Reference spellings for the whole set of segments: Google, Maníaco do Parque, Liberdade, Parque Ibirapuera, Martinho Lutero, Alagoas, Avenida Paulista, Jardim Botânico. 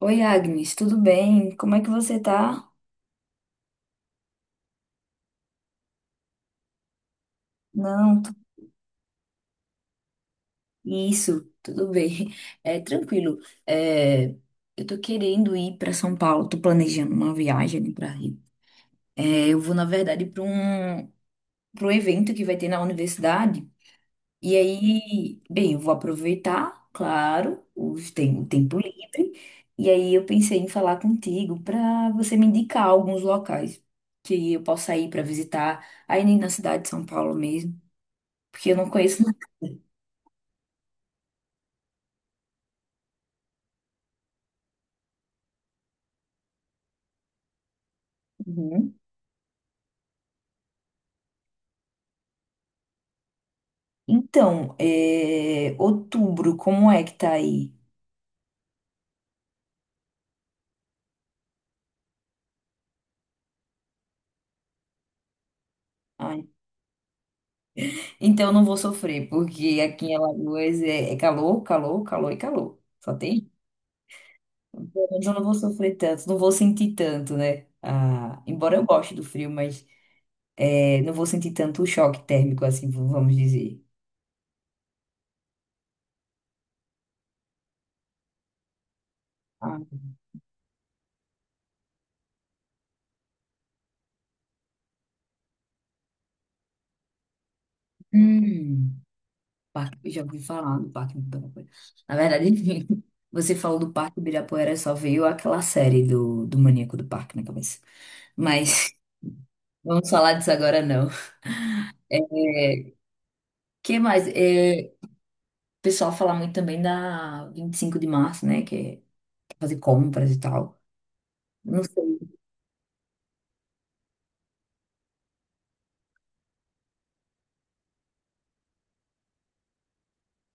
Oi, Agnes, tudo bem? Como é que você tá? Não, isso, tudo bem. É tranquilo. É, eu tô querendo ir para São Paulo, tô planejando uma viagem para Rio. É, eu vou, na verdade, para um evento que vai ter na universidade. E aí, bem, eu vou aproveitar, claro, o tempo livre. E aí eu pensei em falar contigo para você me indicar alguns locais que eu possa ir para visitar aí na cidade de São Paulo mesmo, porque eu não conheço. Uhum. Então, é, outubro, como é que tá aí? Ai, então, eu não vou sofrer, porque aqui em Alagoas é calor, calor, calor e calor. Só tem. Pelo menos eu não vou sofrer tanto, não vou sentir tanto, né? Ah, embora eu goste do frio, mas é, não vou sentir tanto o choque térmico, assim, vamos dizer. Ah, hum, parque, eu já ouvi falar do Parque Ibirapuera. Na verdade, você falou do Parque Ibirapuera, só veio aquela série do Maníaco do Parque na cabeça. Mas vamos falar disso agora, não. O que mais? É, o pessoal fala muito também da 25 de março, né? Que é fazer compras e tal. Não sei.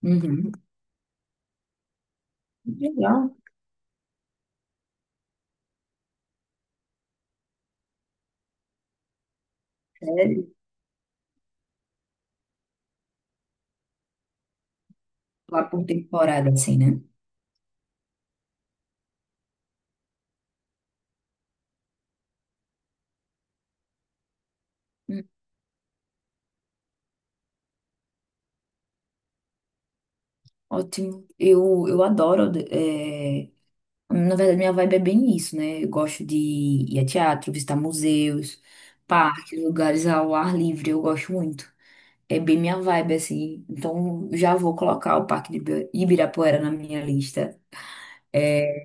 Uhum. Legal. Sério. Lá por temporada, assim, né? Hum, ótimo. Eu adoro. É, na verdade, minha vibe é bem isso, né? Eu gosto de ir a teatro, visitar museus, parques, lugares ao ar livre. Eu gosto muito. É bem minha vibe, assim. Então, já vou colocar o Parque de Ibirapuera na minha lista. É,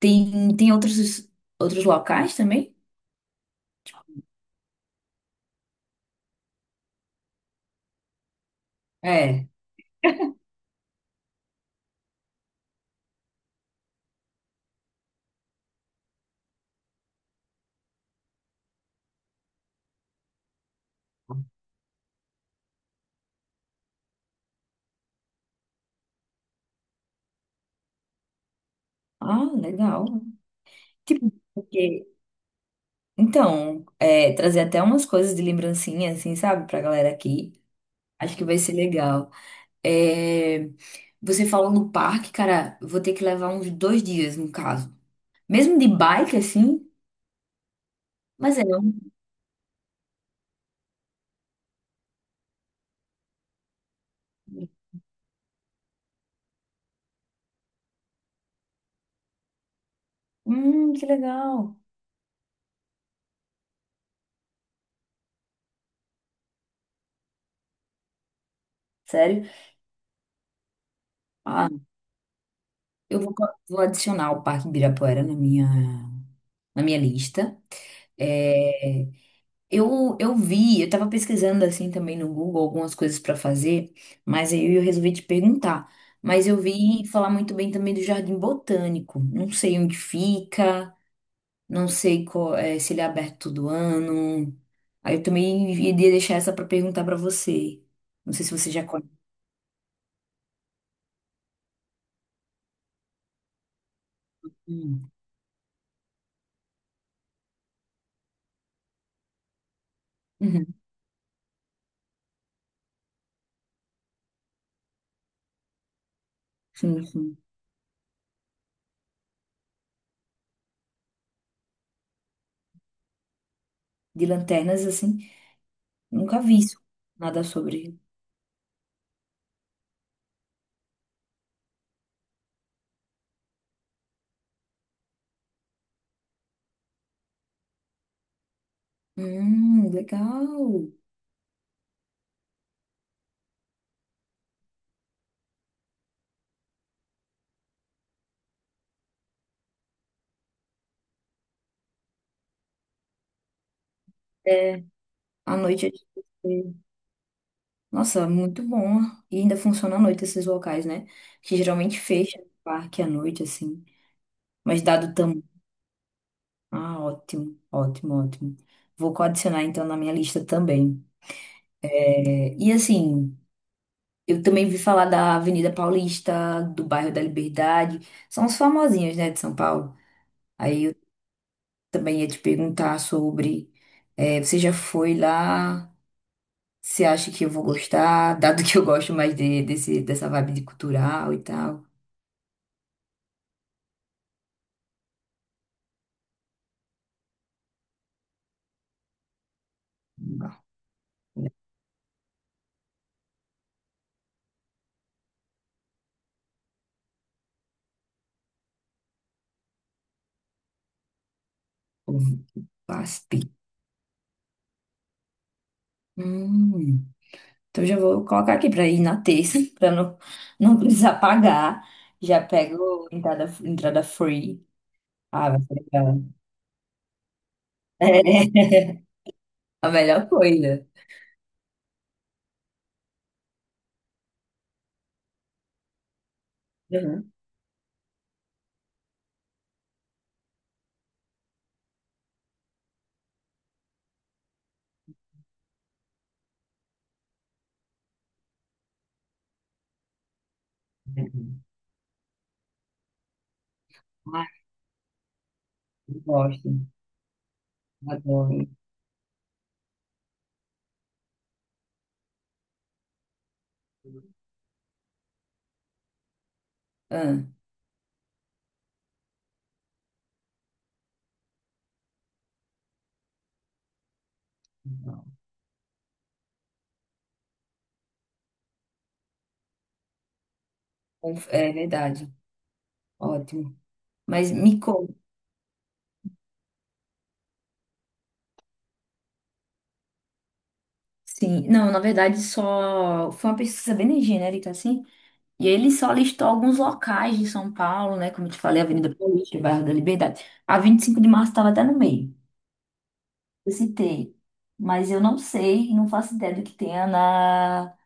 tem, tem outros, outros locais também? É. Ah, legal. Tipo, porque... Então, é, trazer até umas coisas de lembrancinha, assim, sabe, pra galera aqui. Acho que vai ser legal. É, você falou no parque, cara, vou ter que levar uns dois dias, no caso. Mesmo de bike, assim, mas é um... que legal. Sério? Ah, eu vou, vou adicionar o Parque Ibirapuera na minha lista. É, eu vi, eu tava pesquisando assim também no Google algumas coisas pra fazer, mas aí eu resolvi te perguntar. Mas eu vi falar muito bem também do Jardim Botânico. Não sei onde fica, não sei se ele é aberto todo ano. Aí eu também iria deixar essa pra perguntar pra você. Não sei se você já conhece. Hum. Uhum. Sim, sim. De lanternas assim, nunca vi isso, nada sobre. Legal. É, à noite é difícil. Nossa, muito bom. E ainda funciona à noite esses locais, né? Que geralmente fecha o parque à noite, assim. Mas dado tão. Ah, ótimo, ótimo, ótimo. Vou adicionar então na minha lista também. É, e assim, eu também vi falar da Avenida Paulista, do bairro da Liberdade. São os famosinhos, né, de São Paulo. Aí eu também ia te perguntar sobre. É, você já foi lá? Você acha que eu vou gostar? Dado que eu gosto mais dessa vibe de cultural e tal. Vasp. Hum. Então já vou colocar aqui para ir na terça, para não, não precisar pagar. Já pego entrada, entrada free. Ah, vai ser legal. É, a melhor coisa. Uhum. Ai, eu gosto. Adoro. Ah, é verdade. Ótimo. Mas me conta. Sim. Não, na verdade, só foi uma pesquisa bem genérica, assim. E ele só listou alguns locais de São Paulo, né? Como eu te falei, Avenida Paulista, Bairro da Liberdade. A 25 de março estava até no meio, eu citei. Mas eu não sei, não faço ideia do que tenha na,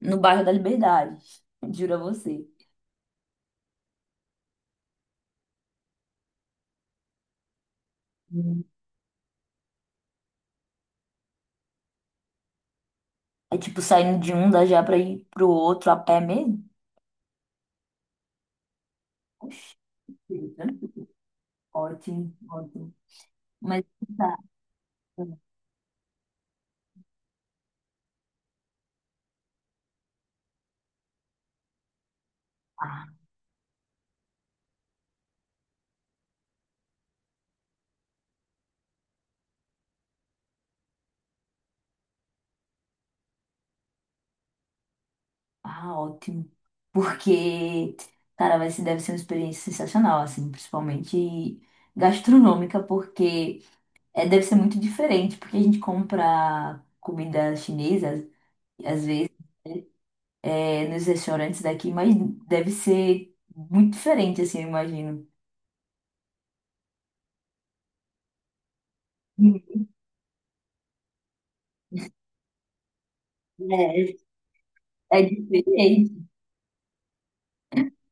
no bairro da Liberdade. Juro a você. Hum. É tipo saindo de um dá já para ir pro outro a pé mesmo? Sim, né? Ótimo, ótimo. Mas tá. Tá. Ah, ótimo. Porque, cara, vai ser, deve ser uma experiência sensacional, assim, principalmente gastronômica, porque é, deve ser muito diferente, porque a gente compra comida chinesa, às vezes, é, nos restaurantes daqui, mas deve ser muito diferente, assim, eu imagino. É, é diferente.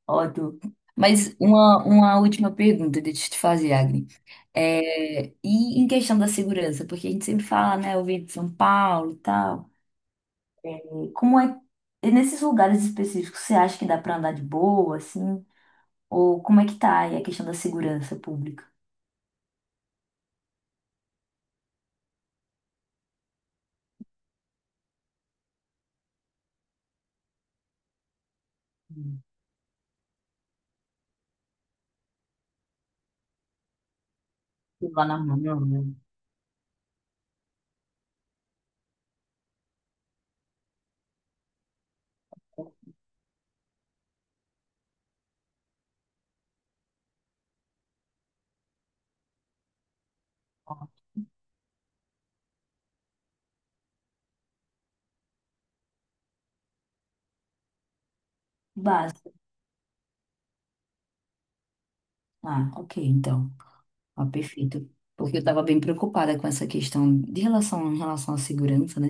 Ótimo. Mas uma última pergunta, deixa eu te fazer, Agni. É, e em questão da segurança, porque a gente sempre fala, né, eu vim de São Paulo e tal. Como é, e nesses lugares específicos, você acha que dá pra andar de boa, assim? Ou como é que tá aí a questão da segurança pública? Hum, Lá na mão, não, né? Básico. Ah, ok, então. Ah, perfeito. Porque eu estava bem preocupada com essa questão de relação, em relação à segurança, né?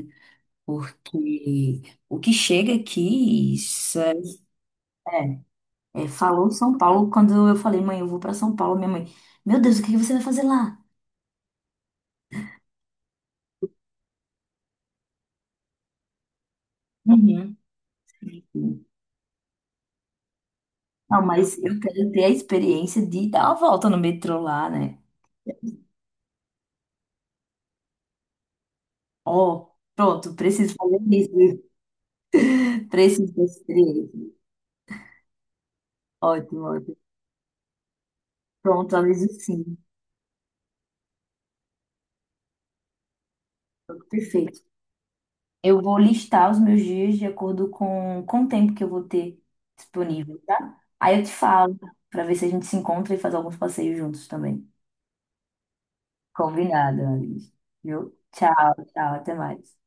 Porque o que chega aqui, isso é, é, é, falou São Paulo, quando eu falei, mãe, eu vou para São Paulo, minha mãe, meu Deus, o que que você vai fazer lá? Uhum. Não, mas eu quero ter a experiência de dar uma volta no metrô lá, né? Ó, pronto, preciso fazer isso. Preciso dessa experiência. Ótimo, ótimo. Pronto, Aloysio, sim. Perfeito. Eu vou listar os meus dias de acordo com o tempo que eu vou ter disponível, tá? Aí eu te falo, pra ver se a gente se encontra e faz alguns passeios juntos também. Combinado, Aloysio. Viu? Tchau, tchau, até mais.